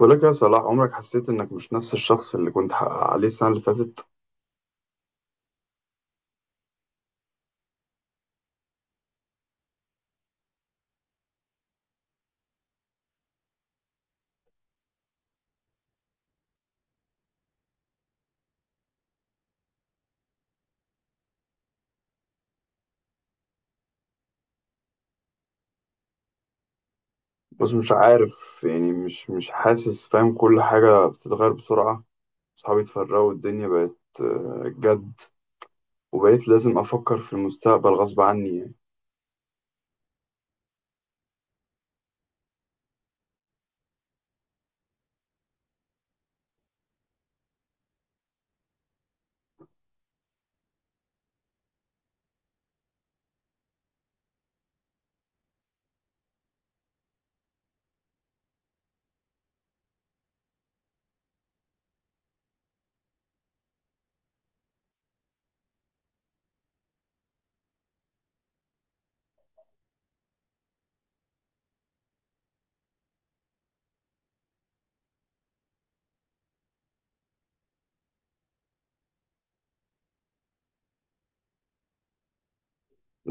بقول لك يا صلاح، عمرك حسيت انك مش نفس الشخص اللي كنت عليه السنة اللي فاتت؟ بس مش عارف، يعني مش حاسس، فاهم؟ كل حاجة بتتغير بسرعة. صحابي اتفرقوا والدنيا بقت جد. وبقيت لازم افكر في المستقبل غصب عني يعني.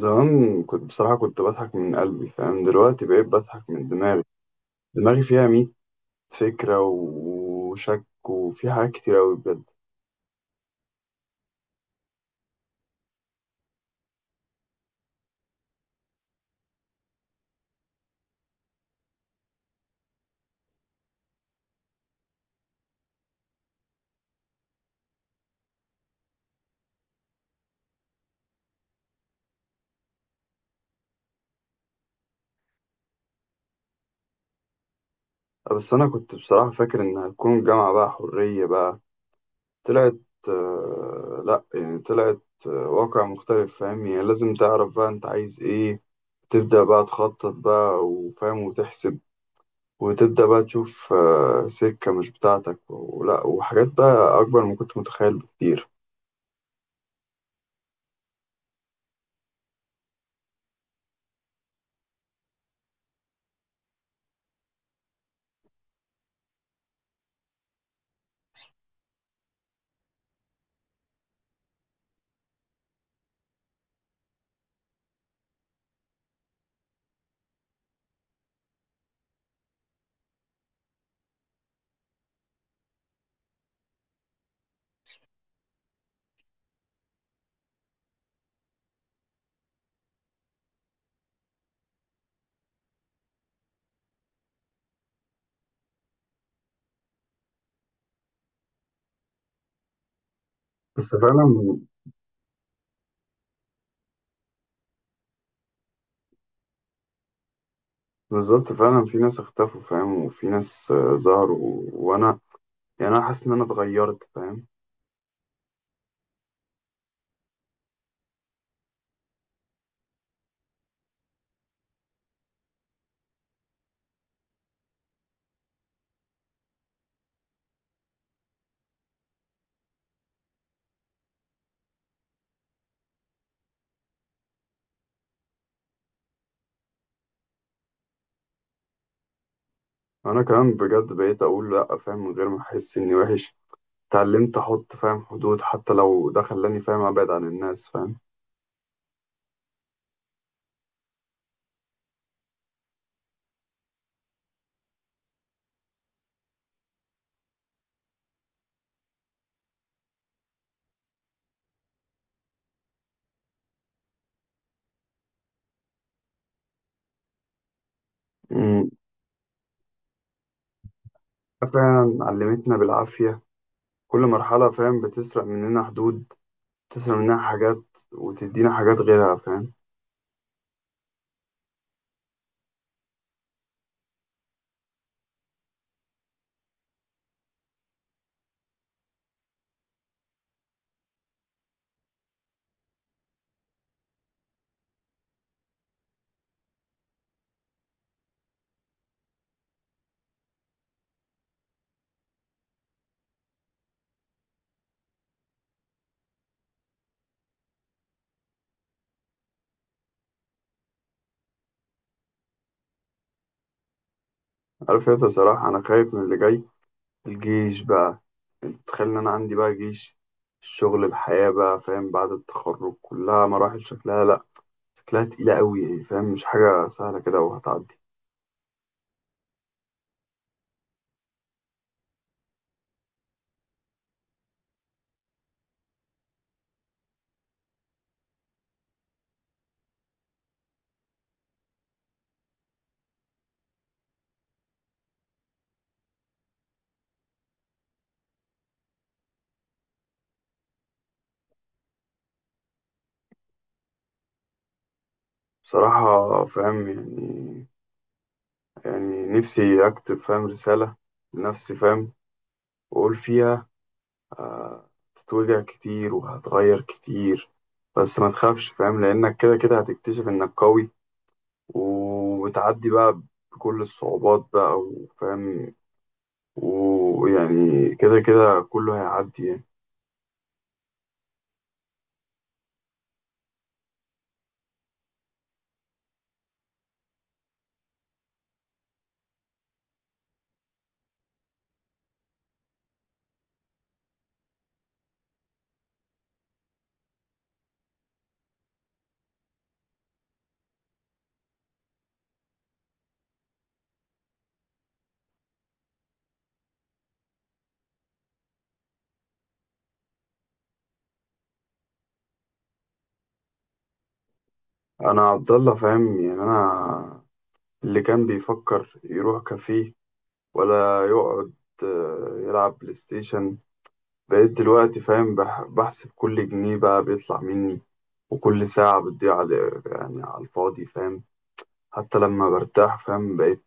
زمان كنت بصراحة كنت بضحك من قلبي، فاهم؟ دلوقتي بقيت بضحك من دماغي. دماغي فيها ميت فكرة وشك، وفي حاجات كتير أوي بجد. بس أنا كنت بصراحة فاكر إن هتكون الجامعة بقى حرية بقى. طلعت لا، يعني طلعت واقع مختلف، فاهم؟ يعني لازم تعرف بقى انت عايز ايه، تبدأ بقى تخطط بقى وفاهم وتحسب، وتبدأ بقى تشوف سكة مش بتاعتك، ولا وحاجات بقى أكبر ما كنت متخيل بكتير. بس فعلا، بالظبط فعلا في ناس اختفوا فاهم، وفي ناس ظهروا، وأنا يعني أنا حاسس إن أنا اتغيرت، فاهم؟ أنا كمان بجد بقيت أقول لأ فاهم، من غير ما أحس إني وحش. اتعلمت احط فاهم حدود، حتى لو ده خلاني فاهم ابعد عن الناس، فاهم؟ مم. فعلا علمتنا بالعافية. كل مرحلة فاهم بتسرق مننا حدود، بتسرق مننا حاجات وتدينا حاجات غيرها، فاهم؟ عارف انت صراحة، انا خايف من اللي جاي. الجيش بقى، تخيل ان انا عندي بقى جيش، الشغل، الحياة بقى فاهم، بعد التخرج كلها مراحل شكلها لا، شكلها تقيلة قوي يعني، فاهم؟ مش حاجة سهلة كده وهتعدي. بصراحة فاهم يعني نفسي أكتب فاهم رسالة لنفسي فاهم، وأقول فيها آه، هتتوجع كتير وهتغير كتير، بس ما تخافش فاهم، لأنك كده كده هتكتشف إنك قوي وبتعدي بقى بكل الصعوبات بقى وفاهم، ويعني كده كده كله هيعدي يعني. أنا عبد الله، فاهم؟ يعني أنا اللي كان بيفكر يروح كافيه ولا يقعد يلعب بلاي ستيشن. بقيت دلوقتي فاهم بحسب كل جنيه بقى بيطلع مني، وكل ساعة بتضيع على يعني على الفاضي، فاهم؟ حتى لما برتاح فاهم بقيت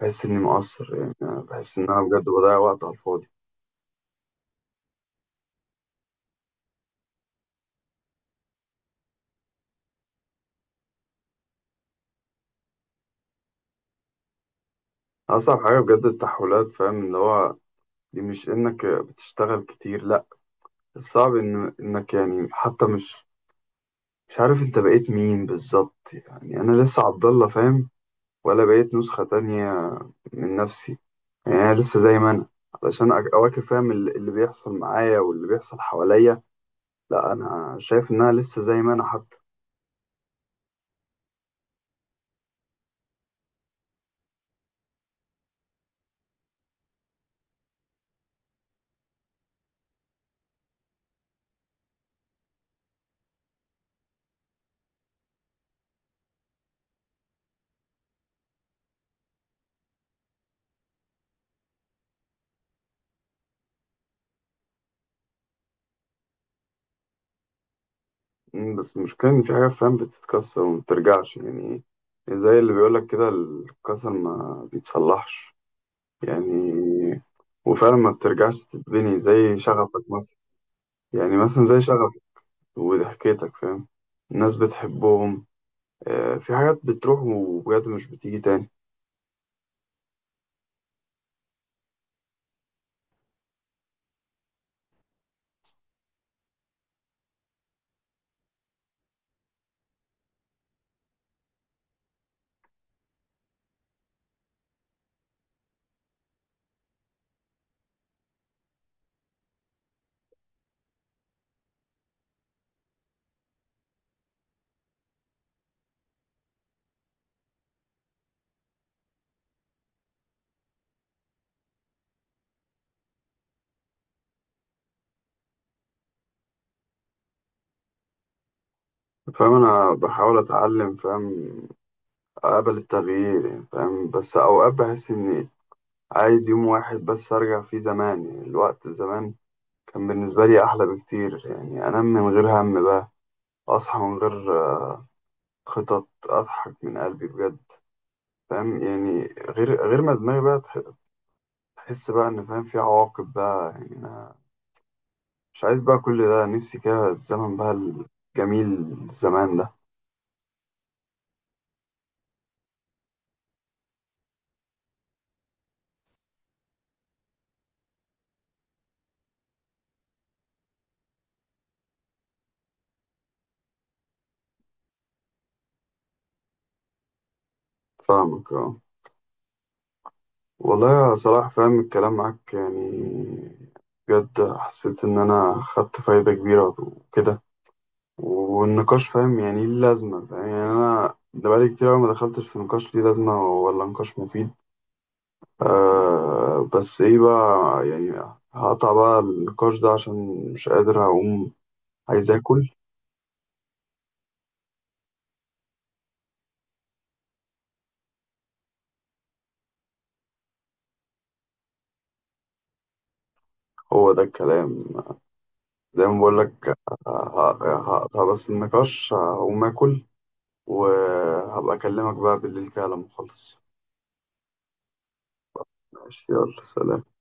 بحس إني مقصر، يعني بحس إن أنا بجد بضيع وقت على الفاضي. أصعب حاجة بجد التحولات فاهم، اللي هو دي مش إنك بتشتغل كتير لأ، الصعب إنك يعني حتى مش عارف أنت بقيت مين بالظبط، يعني أنا لسه عبد الله فاهم، ولا بقيت نسخة تانية من نفسي. يعني أنا لسه زي ما أنا، علشان أواكب فاهم اللي بيحصل معايا واللي بيحصل حواليا، لا أنا شايف إن أنا لسه زي ما أنا حتى. بس المشكلة إن في حاجات فاهم بتتكسر وما بترجعش يعني، زي اللي بيقولك كده الكسر ما بيتصلحش يعني. وفعلا ما بترجعش تتبني، زي شغفك مثلا. يعني مثلا زي شغفك وضحكتك فاهم، الناس بتحبهم، في حاجات بتروح وبجد مش بتيجي تاني. فاهم انا بحاول اتعلم فاهم قبل التغيير يعني فاهم، بس أوقات بحس إني عايز يوم واحد بس أرجع فيه زمان، يعني الوقت زمان كان بالنسبة لي أحلى بكتير. يعني أنام من غير هم بقى، أصحى من غير خطط، أضحك من قلبي بجد، فاهم يعني؟ غير ما دماغي بقى تحس بقى إن فاهم في عواقب بقى، يعني أنا مش عايز بقى كل ده، نفسي كده الزمن بقى الجميل زمان ده. فاهمك اه. والله يا صلاح فاهم الكلام معاك يعني، بجد حسيت إن أنا خدت فايدة كبيرة وكده، والنقاش فاهم يعني ليه لازمة فاهم، يعني أنا ده بقالي كتير أوي ما دخلتش في نقاش ليه لازمة ولا نقاش مفيد. آه بس إيه بقى يعني، هقطع بقى النقاش ده عشان مش قادر، هقوم عايز آكل. هو ده الكلام، زي ما بقولك آه، هقطع بس النقاش، هقوم آكل وهبقى أكلمك بقى بالليل كده لما أخلص. ماشي، يلا سلام.